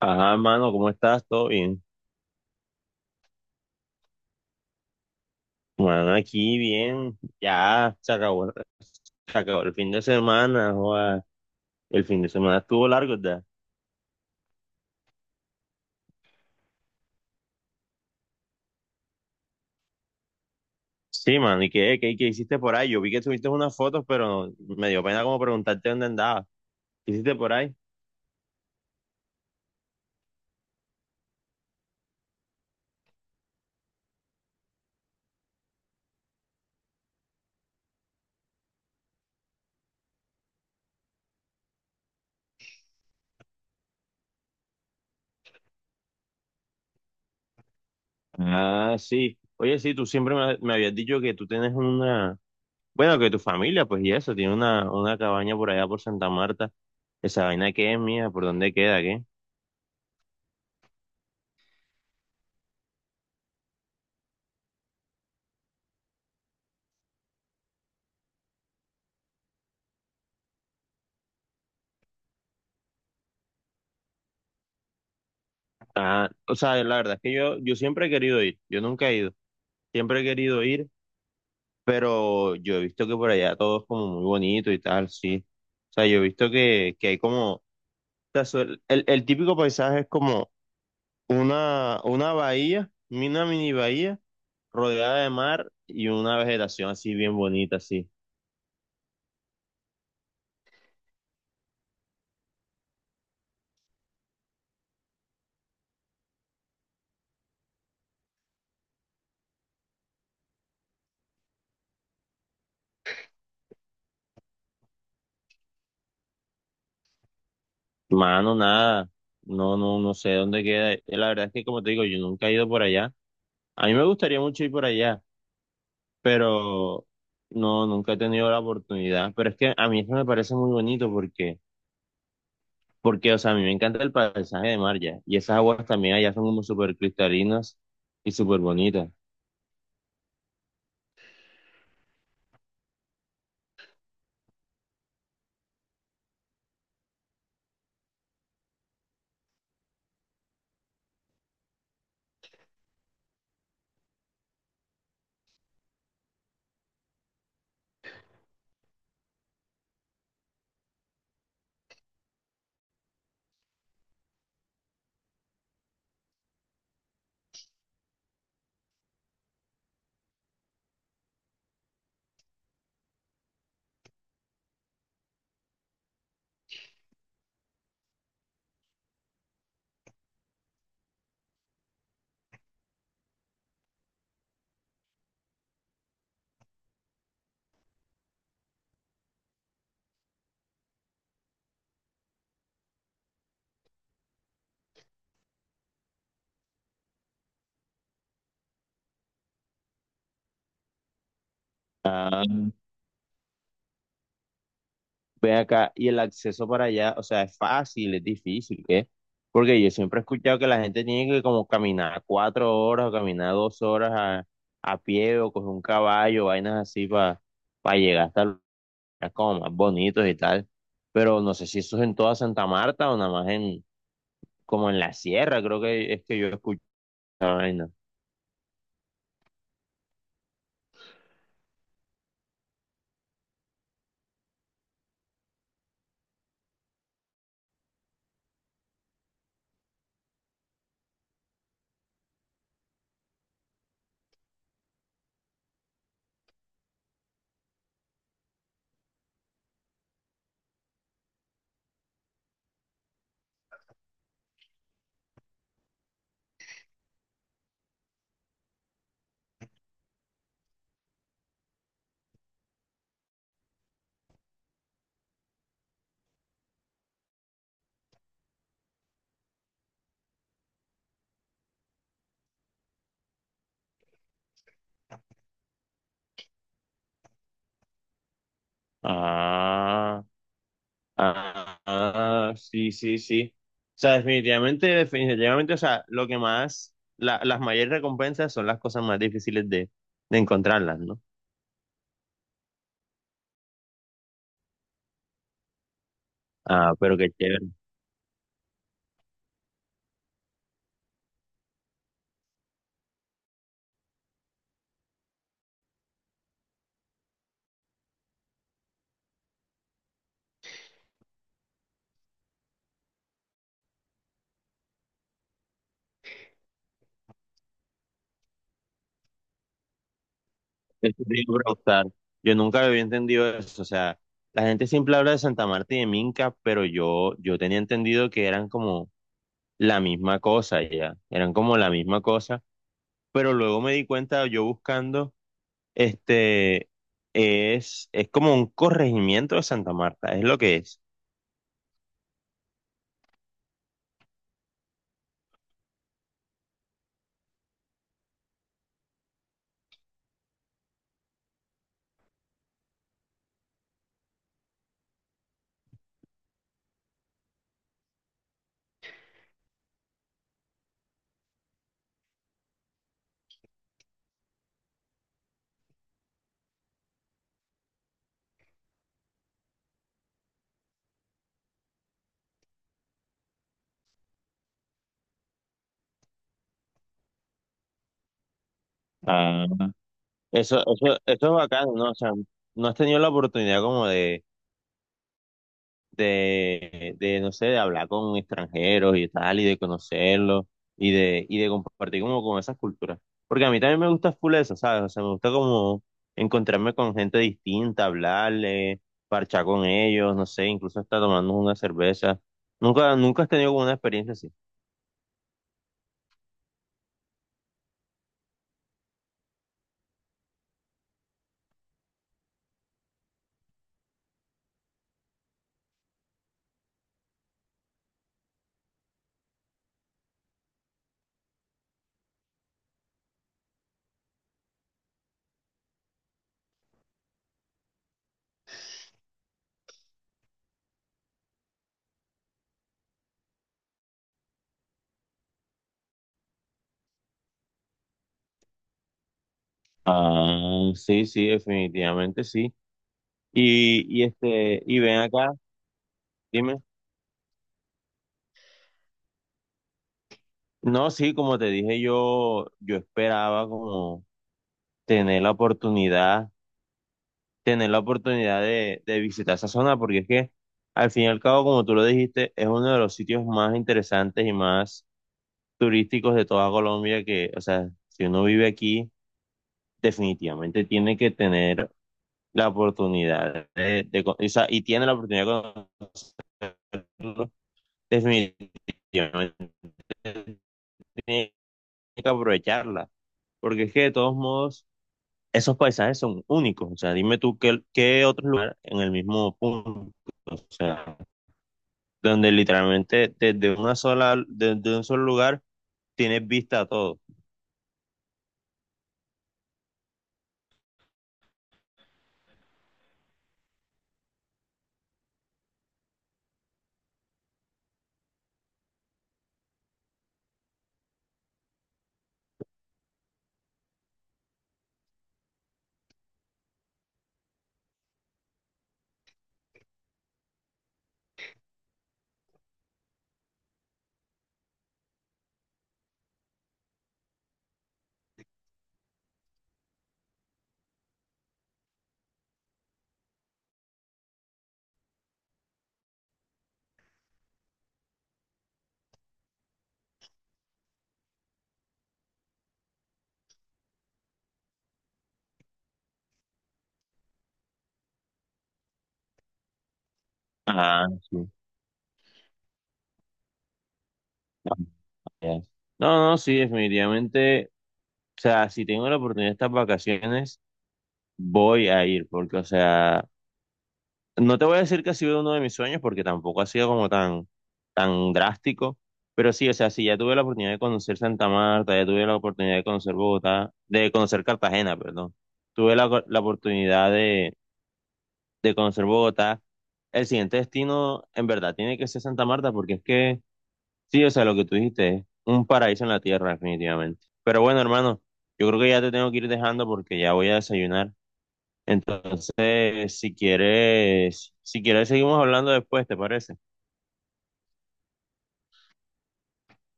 Ajá, mano, ¿cómo estás? ¿Todo bien? Mano, aquí bien. Ya se acabó, se acabó el fin de semana. Joda. El fin de semana estuvo largo, ¿verdad? Sí, mano, y qué hiciste por ahí? Yo vi que subiste unas fotos, pero me dio pena como preguntarte dónde andabas. ¿Qué hiciste por ahí? Ah, sí. Oye, sí, tú siempre me habías dicho que tú tienes una... Bueno, que tu familia, pues, y eso, tiene una cabaña por allá por Santa Marta. ¿Esa vaina qué es mía? ¿Por dónde queda? ¿Qué? Ah, o sea, la verdad es que yo siempre he querido ir. Yo nunca he ido. Siempre he querido ir, pero yo he visto que por allá todo es como muy bonito y tal, sí. O sea, yo he visto que hay como, o sea, el típico paisaje es como una bahía, una mini bahía, rodeada de mar y una vegetación así bien bonita, así. Mano, nada, no sé dónde queda. La verdad es que como te digo, yo nunca he ido por allá. A mí me gustaría mucho ir por allá, pero no, nunca he tenido la oportunidad. Pero es que a mí eso me parece muy bonito porque... Porque, o sea, a mí me encanta el paisaje de mar ya. Y esas aguas también allá son como súper cristalinas y súper bonitas. Ve acá, y el acceso para allá, o sea, ¿es fácil, es difícil, qué? Porque yo siempre he escuchado que la gente tiene que como caminar cuatro horas o caminar dos horas a pie o coger un caballo, vainas así para llegar hasta lugares como más bonitos y tal. Pero no sé si eso es en toda Santa Marta o nada más en, como en la sierra, creo que es que yo he escuchado esa vaina. Ah. Ah, ah, sí, sí, sí. O sea, definitivamente, definitivamente, o sea, lo que más, las mayores recompensas son las cosas más difíciles de encontrarlas, ¿no? Ah, pero qué chévere. Eso te iba a preguntar. Yo nunca había entendido eso. O sea, la gente siempre habla de Santa Marta y de Minca, pero yo tenía entendido que eran como la misma cosa, ya. Eran como la misma cosa. Pero luego me di cuenta yo buscando. Este es como un corregimiento de Santa Marta, es lo que es. Ah, eso es bacano, ¿no? O sea, no has tenido la oportunidad como no sé, de hablar con extranjeros y tal, y de conocerlos, y de compartir como con esas culturas. Porque a mí también me gusta full eso, ¿sabes? O sea, me gusta como encontrarme con gente distinta, hablarle, parchar con ellos, no sé, incluso hasta tomarnos una cerveza. Nunca, nunca has tenido como una experiencia así. Ah, sí, sí, definitivamente sí. Y este, y ven acá, dime. No, sí, como te dije, yo esperaba como tener la oportunidad, tener la oportunidad de visitar esa zona, porque es que al fin y al cabo, como tú lo dijiste, es uno de los sitios más interesantes y más turísticos de toda Colombia que, o sea, si uno vive aquí, definitivamente tiene que tener la oportunidad de, con- o sea, y tiene la oportunidad de conocerlo. Yo no tenía que aprovecharla, porque es que de todos modos esos paisajes son únicos, o sea, dime tú qué, qué otro lugar en el mismo punto, o sea, donde literalmente desde una sola, desde un solo lugar tienes vista a todo. Ah, sí. Ya. No, no, sí, definitivamente, o sea, si tengo la oportunidad de estas vacaciones, voy a ir, porque, o sea, no te voy a decir que ha sido uno de mis sueños porque tampoco ha sido como tan, tan drástico, pero sí, o sea, sí, ya tuve la oportunidad de conocer Santa Marta, ya tuve la oportunidad de conocer Bogotá, de conocer Cartagena, perdón. Tuve la oportunidad de conocer Bogotá. El siguiente destino, en verdad, tiene que ser Santa Marta porque es que, sí, o sea, lo que tú dijiste es un paraíso en la tierra, definitivamente. Pero bueno, hermano, yo creo que ya te tengo que ir dejando porque ya voy a desayunar. Entonces, si quieres, si quieres, seguimos hablando después, ¿te parece?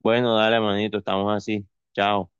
Bueno, dale, manito, estamos así. Chao.